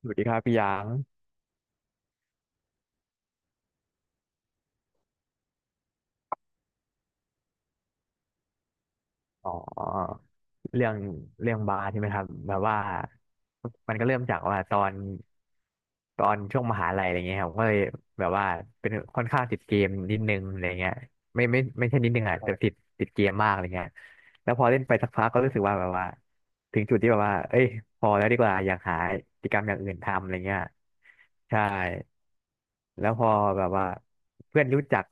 สวัสดีครับพี่หยางอ๋อเรื่องเรื่องบาร์ใช่ไหมครับแบบว่ามันก็เริ่มจากว่าตอนช่วงมหาลัยอะไรเงี้ยครับก็เลยแบบว่าเป็นค่อนข้างติดเกมนิดนึงอะไรเงี้ยไม่ใช่นิดนึงอ่ะแต่ติดเกมมากอะไรเงี้ย แล้วพอเล่นไปสักพักก็รู้สึกว่าแบบว่าถึงจุดที่แบบว่าเอ้ยพอแล้วดีกว่าอยากหากิจกรรมอย่างอื่นทำอะไรเงี้ยใช่แล้วพอแบบว่าเพื่อนรู้จัก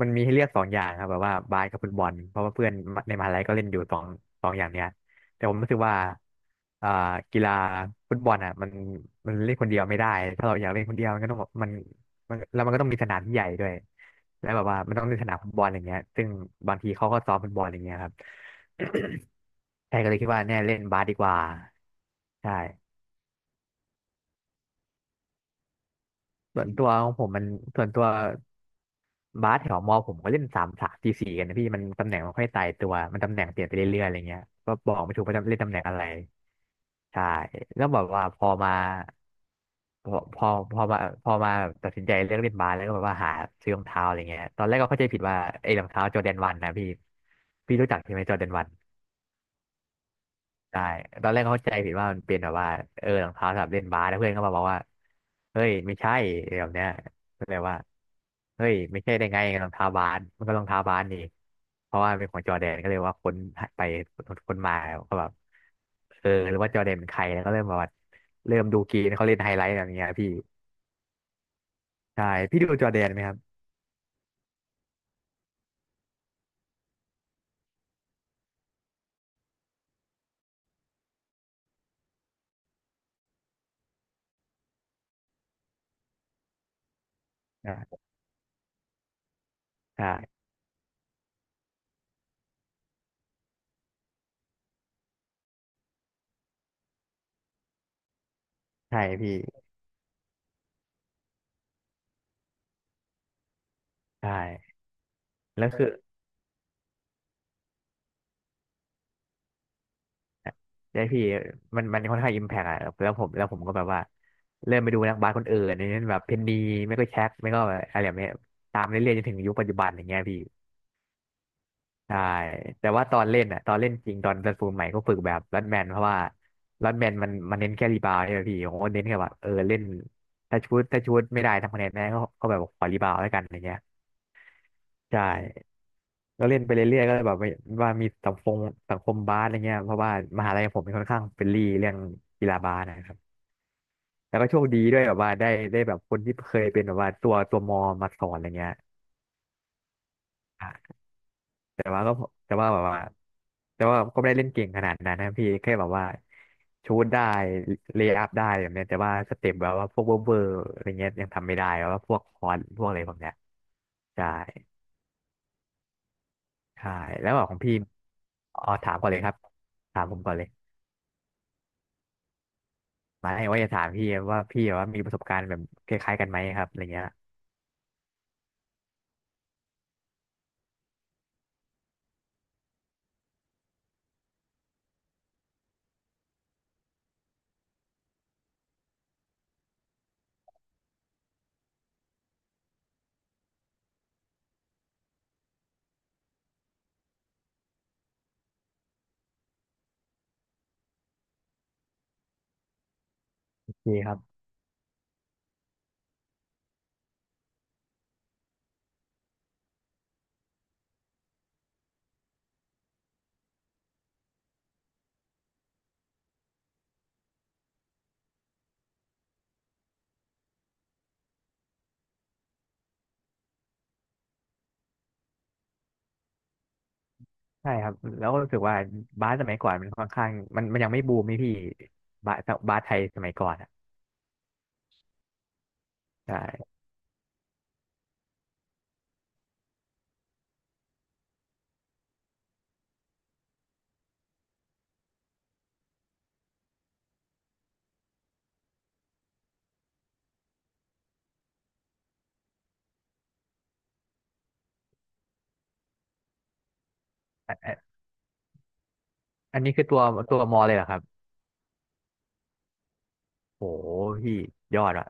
มันมีให้เลือกสองอย่างครับแบบว่าบาสกับฟุตบอลเพราะว่าเพื่อนในมหาลัยก็เล่นอยู่สองอย่างเนี้ยแต่ผมรู้สึกว่าอ่ากีฬาฟุตบอลอ่ะมันเล่นคนเดียวไม่ได้ถ้าเราอยากเล่นคนเดียวมันก็ต้องมัน มันแล้วมันก็ต้องมีสนามที่ใหญ่ด้วยแล้วแบบว่ามันต้องมีสนามฟุตบอลอย่างเงี้ยซึ่งบางทีเขาก็ซ้อมฟุตบอลอย่างเงี้ยครับ ใช่ก็เลยคิดว่าเนี่ยเล่นบาสดีกว่าใช่ส่วนตัวของผมมันส่วนตัว บาสแถวมอผมก็เล่นสามสามสี่สี่กันนะพี่มันตำแหน่งมันค่อยตายตัวมันตำแหน่งเปลี่ยนไปเรื่อยๆอะไรเงี้ยก็บอกไม่ถูกว่าจะเล่นตำแหน่งอะไรใช่แล้วแบบว่าพอมาพอพอพอมาพอมาแบบตัดสินใจเลือกเล่นบาสแล้วก็แบบว่าหาซื้อรองเท้าอะไรเงี้ยตอนแรกก็เข้าใจผิดว่าไอ้รองเท้าจอร์แดนวันนะพี่พี่รู้จักใช่ไหมจอร์แดนวัน ใช่ตอนแรกเข้าใจผิดว่ามันเป็นแบบว่าเออรองเท้าสำหรับเล่นบาสแล้วเพื่อนก็มาบอกว่าเฮ้ยไม่ใช่อะไรแบบเนี้ยก็เลยว่าเฮ้ยไม่ใช่ได้ไงรองเท้าบาสมันก็รองเท้าบาสนี่เพราะว่าเป็นของจอร์แดนก็เลยว่าค้นไปค้นมาก็แบบเออหรือว่าจอร์แดนเป็นใครแล้วก็เริ่มแบบว่าเริ่มดูเกมเขาเล่นไฮไลท์แบบเนี้ยพี่ใช่พี่ดูจอร์แดนไหมครับอ่าใช่ใช่พี่ใช่แล้วคือ ใช่พี่มันค่อนข้างอิมแพกอะแล้วผมก็แบบว่าเริ่มไปดูนักบาสคนอื่นอย่างเช่นแบบเพนนีไม่ก็แช็คไม่ก็อะไรแบบเนี้ยตามเรื่อยๆจนถึงยุคปัจจุบันอย่างเงี้ยพี่ใช่แต่ว่าตอนเล่นอะตอนเล่นจริงตอนเซนฟูลใหม่ก็ฝึกแบบรัดแมนเพราะว่ารัดแมนมันเน้นแค่รีบาวด์ใช่ไหมพี่ผมก็เน้นแค่ว่าเออเล่นถ้าชุดไม่ได้ทำคะแนนได้ก็แบบขอรีบาวด์แล้วกันอย่างเงี้ยใช่ก็เล่นไปเรื่อยๆก็เลยแบบว่ามีสังคมบาสอะไรเงี้ยเพราะว่ามหาลัยผมเป็นค่อนข้างเฟรนลี่เรื่องกีฬาบาสนะครับ แล้วก็โชคดีด้วยแบบว่าได้แบบคนที่เคยเป็นแบบว่าตัวมอมาสอนอะไรเงี้ยอ่ะแต่ว่าก็แต่ว่าแบบว่าแต่ว่าก็ไม่ได้เล่นเก่งขนาดนั้นนะพี่แค่แบบว่าชูตได้เลย์อัพได้แบบเนี้ยแต่ว่าสเต็ปแบบว่าพวกเวอร์อะไรเงี้ยยังทำไม่ได้แบบว่าพวกคอนพวกอะไรพวกเนี้ยใช่ใช่แล้วแบบของพี่อ๋อถามก่อนเลยครับถามผมก่อนเลยมาให้ว่าจะถามพี่ว่าพี่แบบว่ามีประสบการณ์แบบคล้ายๆกันไหมครับอะไรเงี้ยโอเคครับ ใช่ครับแล้วก็รู้สึกว่าบาสสมัยก่อนมันค่อนข้างมันยังไม่บูมนี่พี่บาสบาสไทยสมัยก่อนอ่ะใช่อันอันอันนี้คือตัวมอเลยเหรอครับโหพี่ยอดอ่ะ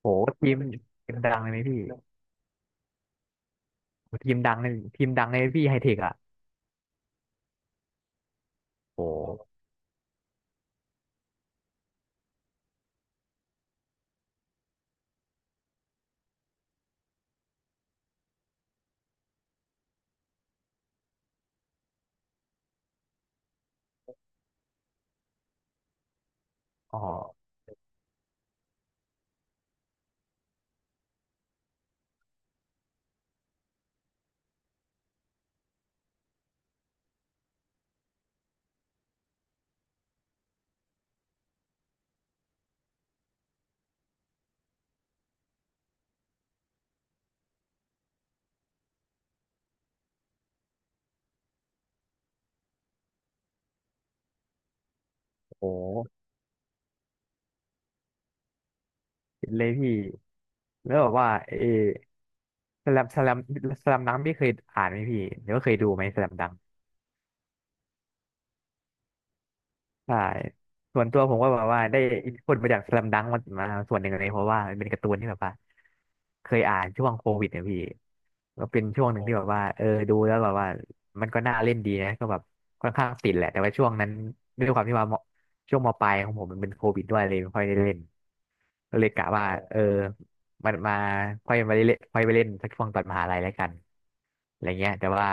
โหทีมทีมดังเลยไหมพี่โหทีมดังเลยทีมดังเลยพี่ไฮเทคอ่ะโหอ๋อโหเห็นเลยพี่แล้วแบบว่าเออสแลมสแลมสแลมดังพี่เคยอ่านไหมพี่หรือว่าเคยดูไหมสแลมดัง ใช่ส่วนตัวผมก็แบบว่าได้อินพุตมาจากส a ลัมดังมาส่วนหนึ่งเลยเพราะว่ามันเป็นการ์ตูนที่แบบว่าเคยอ่านช่วงโควิดเนี่ยพี่ก็เป็นช่วงหนึ่งที่แบบว่าเออดูแล้วแบบว่ามันก็น่าเล่นดีนะก็แบบค่อนข้างติดแหละแต่ว่าช่วงนั้นด้วยความที่ว่ามช่วงมปลายของผมมันเป็นโควิดด้วยเลยไม่ค่อยได้เล่นก็เลยกะว่าเออมันมาค่อยไปเล่นสักช่วงตอนมหาลัยแล้วกันอะไรเงี้ยแต่ว่า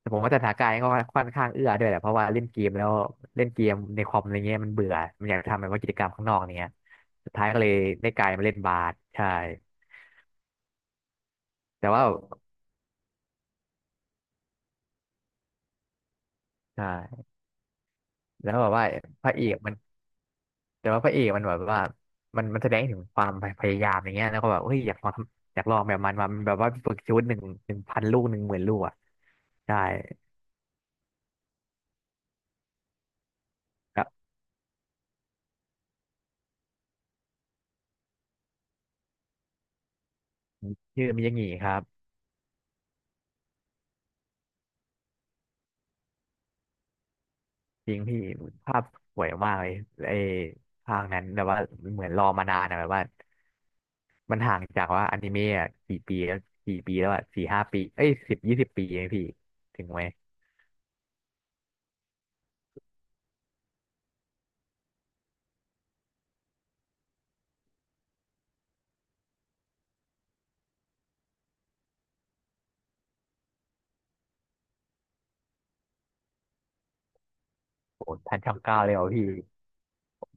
แต่ผมว่าสถานการณ์ก็ค่อนข้างเอื้อด้วยแหละเพราะว่าเล่นเกมแล้วเล่นเกมในคอมอะไรเงี้ยมันเบื่อมันอยากทำแบบว่ากิจกรรมข้างนอกเนี้ยสุดท้ายก็เลยได้กลายมาเล่นบาสใช่แต่ว่าใช่แล้วแบบว่าพระเอกมันแต่ว่าพระเอกมันแบบว่ามันแสดงถึงความพยายามอย่างเงี้ยแล้วก็แบบเฮ้ยอยากลองทำอยากลองแบบมันมาแบบว่าฝึกชุดหนึ่งหนึ่งพันลูกหนึ่งหมื่นลูกอ่ะใช่ครับชื่อมิยางิครับจริงพี่ภาพสวยมากเลยไอ้ภาคนั้นแบบว่าเหมือนรอมานานอะแบบว่า มันห่างจากว่าอนิเมะอกี่ปีแล้วกี่ปีแล้วอ่ะสี่ห้าปีเอ้ยสิบยี่สิบปีเองพี่ถึงไหมโอ้ทันช่องเก้าเลยเหรอพี่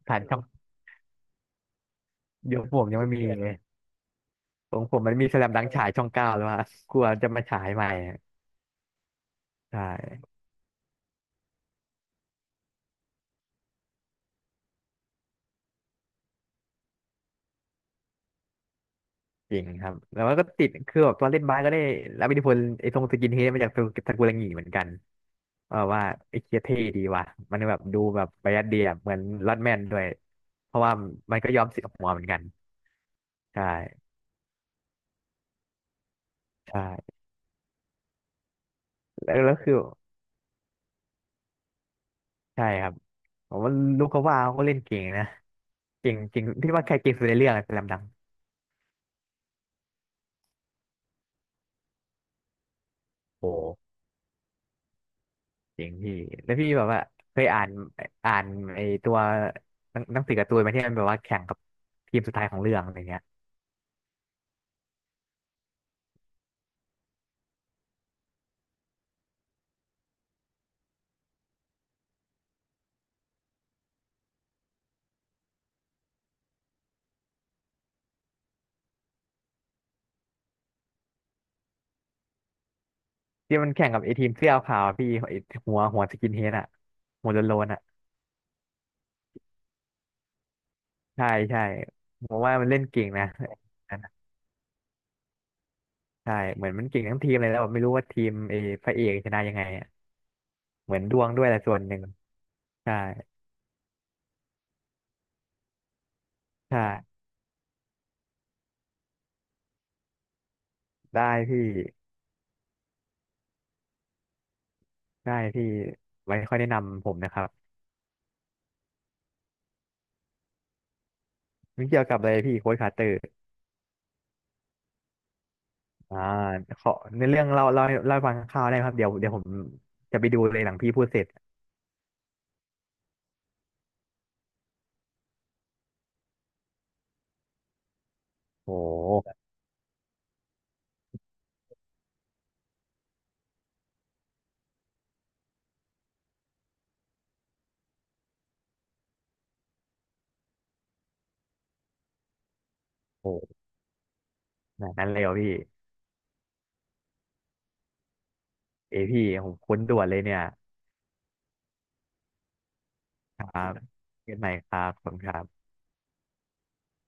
ทันช่องเดี๋ยวผมยังไม่มีเลยของผมมันมีสแลมดังฉายช่องเก้าแล้วอ่ะกลัวจะมาฉายใหม่อะใช่จริงครับแล้วมันก็ติดคือแบบตอนเล่นบาสก็ได้รับอิทธิพลไอ้ทรงสกินเฮดมาจากตกุลังหเหมือนกันเออว่าไอ้เคียเท่ดีว่ะมันแบบดูแบบประหยัดดีอะเหมือนลอดแมนด้วยเพราะว่ามันก็ยอมเสียหัวเหมือนกันใช่ใช่แล้วคือ ใช่ครับผมว่าลูกเขาว่าเขาก็เล่นเก่งนะเก่งเก่งพี่ว่าใครเก่งสุดในเรื่องอะสแลมดังโอ้เก่งพี่แล้วพี่แบบว่าเคยอ่านอ่านไอ้ตัวหนังสือการ์ตูนไหมาที่มันแบบว่าแข่งกับทีมสุดท้ายของเรื่องอะไรเงี้ยที่มันแข่งกับไอ้ทีมเสื้อขาวพี่ไอหัวสกินเฮดอะหัวโลนๆอะใช่ใช่ผมว่ามันเล่นเก่งนะใช่เหมือนมันเก่งทั้งทีมเลยแล้วแบบไม่รู้ว่าทีมไอพระเอกชนะยังไงอะเหมือนดวงด้วยแหละส่วนหนึ่งใช่ใช่ได้พี่ ได้พี่ไว้ค่อยแนะนำผมนะครับมม่เกี่ยวกับอะไรพี่โค้ชคาร์เตอร์อ่าขอในเรื่องเล่าให้ฟังคร่าวๆได้ไหมครับเดี๋ยวผมจะไปดูเลยหลังพี่พูดเสร็จโอ้โหขนาดนั้นเลยเหรอพี่เอยพี่ผมคุ้นด่วนเลยเนี่ยครับเกิดใหม่ครับผมครับ